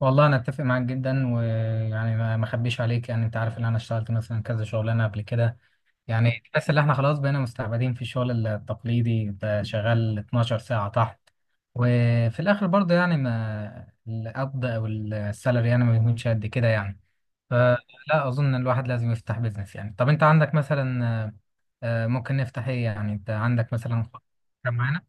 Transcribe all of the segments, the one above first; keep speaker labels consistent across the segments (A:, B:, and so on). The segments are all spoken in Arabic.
A: والله انا اتفق معاك جدا ويعني ما اخبيش عليك يعني انت عارف ان انا اشتغلت مثلا كذا شغلانه قبل كده. يعني تحس ان احنا خلاص بقينا مستعبدين في الشغل التقليدي، انت شغال 12 ساعه تحت وفي الاخر برضه يعني ما القبض او السالري يعني ما بيكونش قد كده يعني. فلا اظن ان الواحد لازم يفتح بيزنس. يعني طب انت عندك مثلا ممكن نفتح ايه، يعني انت عندك مثلا كان معانا.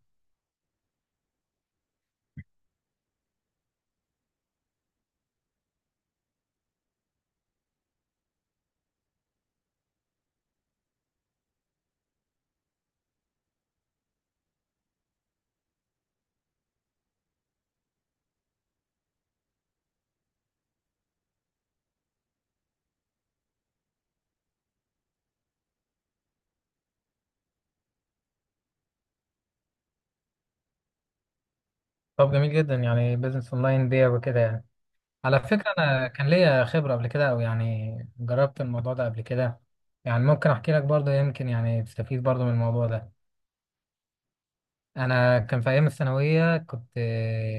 A: طب جميل جدا يعني بيزنس اونلاين بيع وكده يعني. على فكرة أنا كان ليا خبرة قبل كده أو يعني جربت الموضوع ده قبل كده، يعني ممكن أحكي لك برضه يمكن يعني تستفيد برضه من الموضوع ده. أنا كان في أيام الثانوية كنت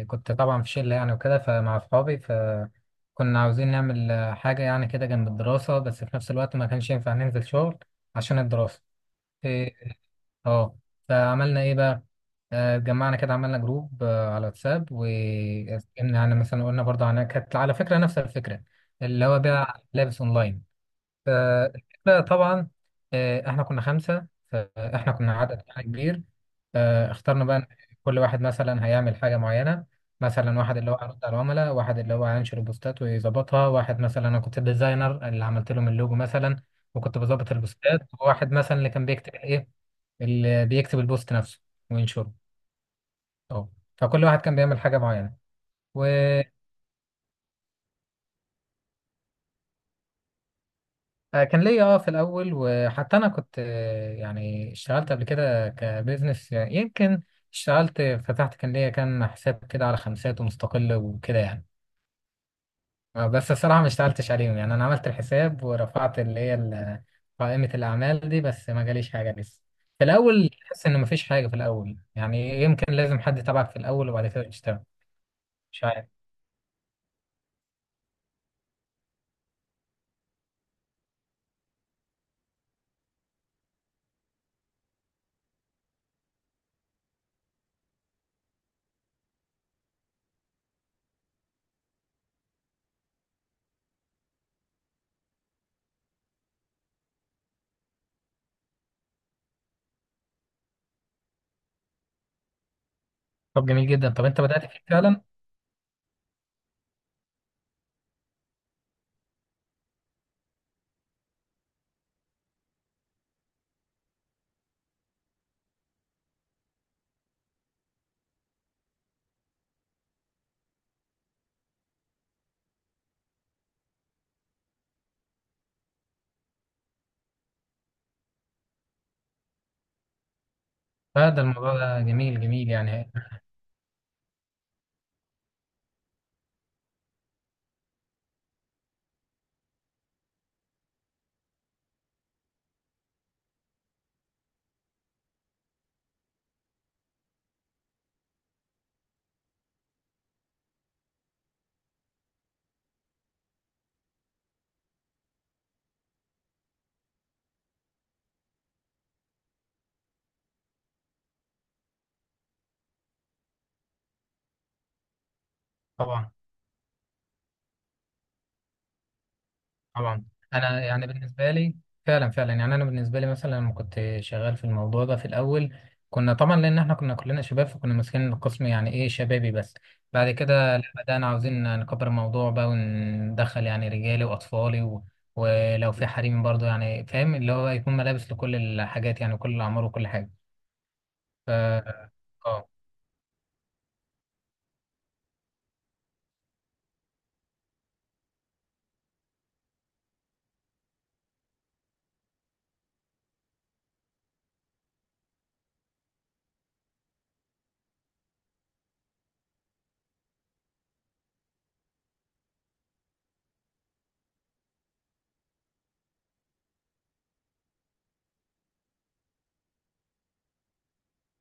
A: كنت طبعا في شلة يعني وكده فمع أصحابي، فكنا عاوزين نعمل حاجة يعني كده جنب الدراسة، بس في نفس الوقت ما كانش ينفع ننزل شغل عشان الدراسة. اه. فعملنا ايه بقى؟ اتجمعنا كده عملنا جروب على واتساب واتكلمنا، يعني مثلا قلنا برضه، عن كانت على فكره نفس الفكره اللي هو بيع لابس اونلاين. فالفكره طبعا احنا كنا خمسه فاحنا كنا عدد يعني كبير. اخترنا بقى كل واحد مثلا هيعمل حاجه معينه. مثلا واحد اللي هو هيرد على العملاء، واحد اللي هو هينشر بوستات ويظبطها، واحد مثلا انا كنت الديزاينر اللي عملت لهم اللوجو مثلا وكنت بظبط البوستات، وواحد مثلا اللي كان بيكتب ايه، اللي بيكتب البوست نفسه وينشره. اه. فكل واحد كان بيعمل حاجة معينة. وكان ليا اه في الأول، وحتى أنا كنت يعني اشتغلت قبل كده كبزنس يعني، يمكن اشتغلت فتحت كان ليا كان حساب كده على خمسات ومستقل وكده يعني. بس الصراحة ما اشتغلتش عليهم، يعني أنا عملت الحساب ورفعت اللي هي قائمة الأعمال دي، بس ما جاليش حاجة لسه. في الأول تحس إن مفيش حاجة، في الأول يعني يمكن لازم حد تبعك في الأول وبعد كده تشتغل. مش عارف. طب جميل جدا، طب انت بدأت فيه فعلا؟ لا ده الموضوع ده جميل جميل يعني. طبعا. طبعا. انا يعني بالنسبه لي، فعلا فعلا يعني انا بالنسبه لي مثلا لما كنت شغال في الموضوع ده في الاول، كنا طبعا لان احنا كنا كلنا شباب فكنا ماسكين القسم يعني ايه شبابي، بس بعد كده لا، بدانا عاوزين نكبر الموضوع بقى وندخل يعني رجالي واطفالي ولو في حريم برضه يعني، فاهم اللي هو يكون ملابس لكل الحاجات يعني كل الاعمار وكل حاجه. ف... اه.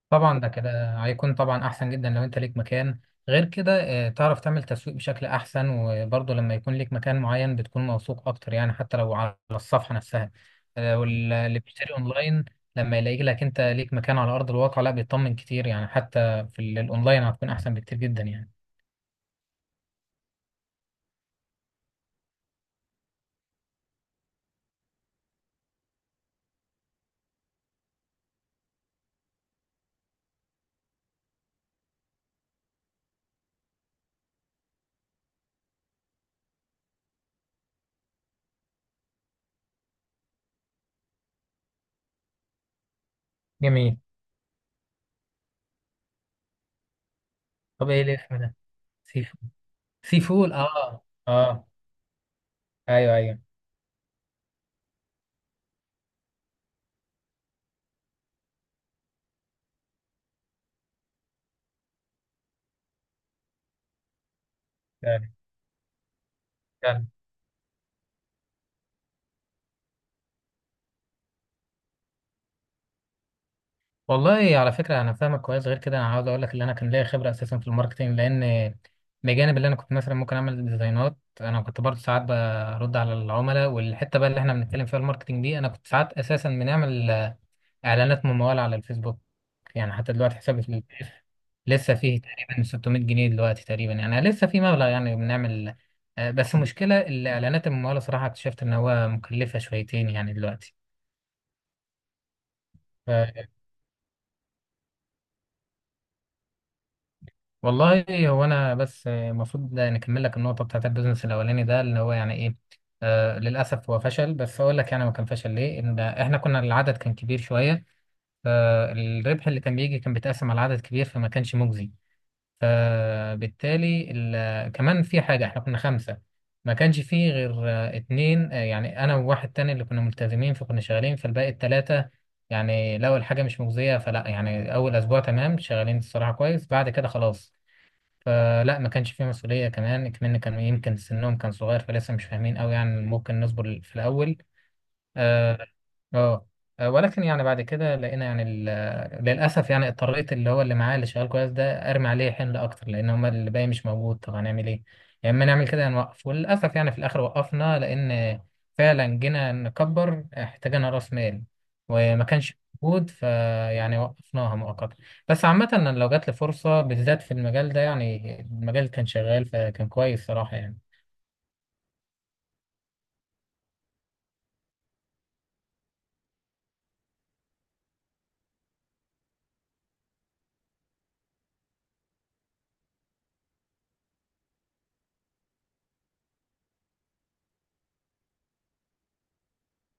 A: طبعا ده كده هيكون طبعا احسن جدا لو انت ليك مكان. غير كده تعرف تعمل تسويق بشكل احسن، وبرضه لما يكون ليك مكان معين بتكون موثوق اكتر يعني حتى لو على الصفحة نفسها. واللي بيشتري اونلاين لما يلاقي لك انت ليك مكان على ارض الواقع لا بيطمن كتير يعني، حتى في الاونلاين هتكون احسن بكتير جدا يعني. جميل. طب ايه الاسم ده؟ سيفو سيفول. اه اه. ايوه ايوه. فعلا. والله على فكرة أنا فاهمك كويس، غير كده أنا عاوز أقول لك إن أنا كان ليا خبرة أساسا في الماركتينج، لأن بجانب اللي أنا كنت مثلا ممكن أعمل ديزاينات، أنا كنت برضه ساعات برد على العملاء، والحتة بقى اللي إحنا بنتكلم فيها الماركتينج دي أنا كنت ساعات أساسا بنعمل إعلانات ممولة على الفيسبوك. يعني حتى دلوقتي حسابي في البيف لسه فيه تقريبا 600 جنيه دلوقتي، تقريبا يعني لسه في مبلغ يعني بنعمل بس المشكلة الإعلانات الممولة صراحة اكتشفت إن هو مكلفة شويتين يعني دلوقتي. والله هو انا بس المفروض نكمل لك النقطه بتاعت البيزنس الاولاني ده اللي هو يعني ايه. آه للاسف هو فشل، بس اقول لك يعني ما كان فشل ليه، ان احنا كنا العدد كان كبير شويه، فالربح اللي كان بيجي كان بيتقسم على عدد كبير فما كانش مجزي. فبالتالي كمان في حاجه، احنا كنا خمسه ما كانش فيه غير اتنين، يعني انا وواحد تاني اللي كنا ملتزمين فكنا شغالين، فالباقي التلاته يعني لو الحاجه مش مجزيه فلا، يعني اول اسبوع تمام شغالين الصراحه كويس، بعد كده خلاص فلا. ما كانش فيه مسؤولية كمان كمان، كانوا يمكن سنهم كان صغير فلسه مش فاهمين قوي يعني، ممكن نصبر في الأول. آه، اه. ولكن يعني بعد كده لقينا يعني للاسف يعني اضطريت اللي هو اللي معايا اللي شغال كويس ده ارمي عليه حمل اكتر، لان هما اللي باقي مش موجود طب هنعمل ايه؟ يا اما نعمل كده يا نوقف، وللاسف يعني في الاخر وقفنا، لان فعلا جينا نكبر احتاجنا راس مال وما كانش موجود، فيعني وقفناها مؤقتا. بس عامة أنا لو جات لي فرصة بالذات في المجال ده، يعني المجال كان شغال فكان كويس صراحة يعني.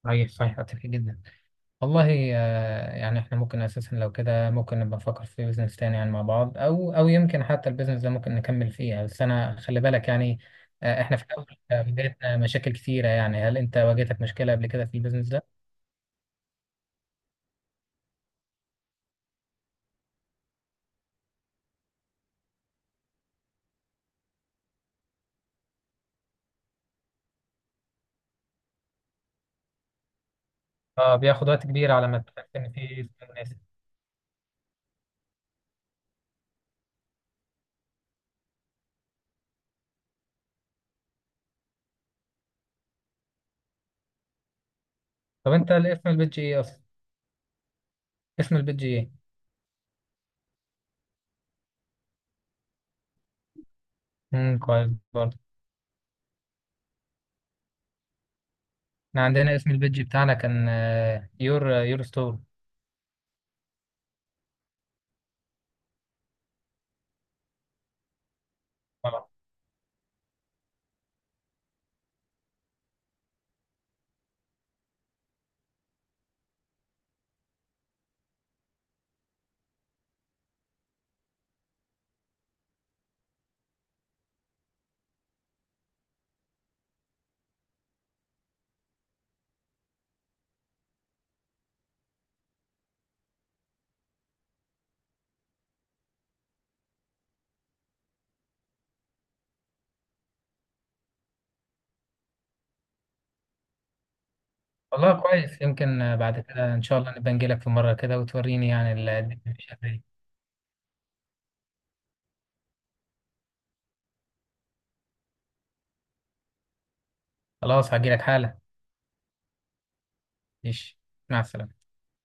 A: صحيح صحيح، أتفق جدا. والله يعني احنا ممكن اساسا لو كده ممكن نبقى نفكر في بيزنس تاني يعني مع بعض، او او يمكن حتى البيزنس ده ممكن نكمل فيه، بس انا خلي بالك يعني. احنا في الاول بدايتنا مشاكل كتيرة، يعني هل انت واجهتك مشكلة قبل كده في البيزنس ده؟ اه بياخد وقت كبير على ما تتأكد فيه اسم مناسب. طب انت اسم البيدج ايه اصلا؟ اسم البيدج ايه؟ كويس برضه. احنا عندنا اسم البيدج بتاعنا كان يور ستور. آه. والله كويس، يمكن بعد كده ان شاء الله نبقى نجيلك في مرة كده وتوريني يعني الدنيا ماشية ازاي. خلاص هجيلك حالا. ماشي. مع السلامة.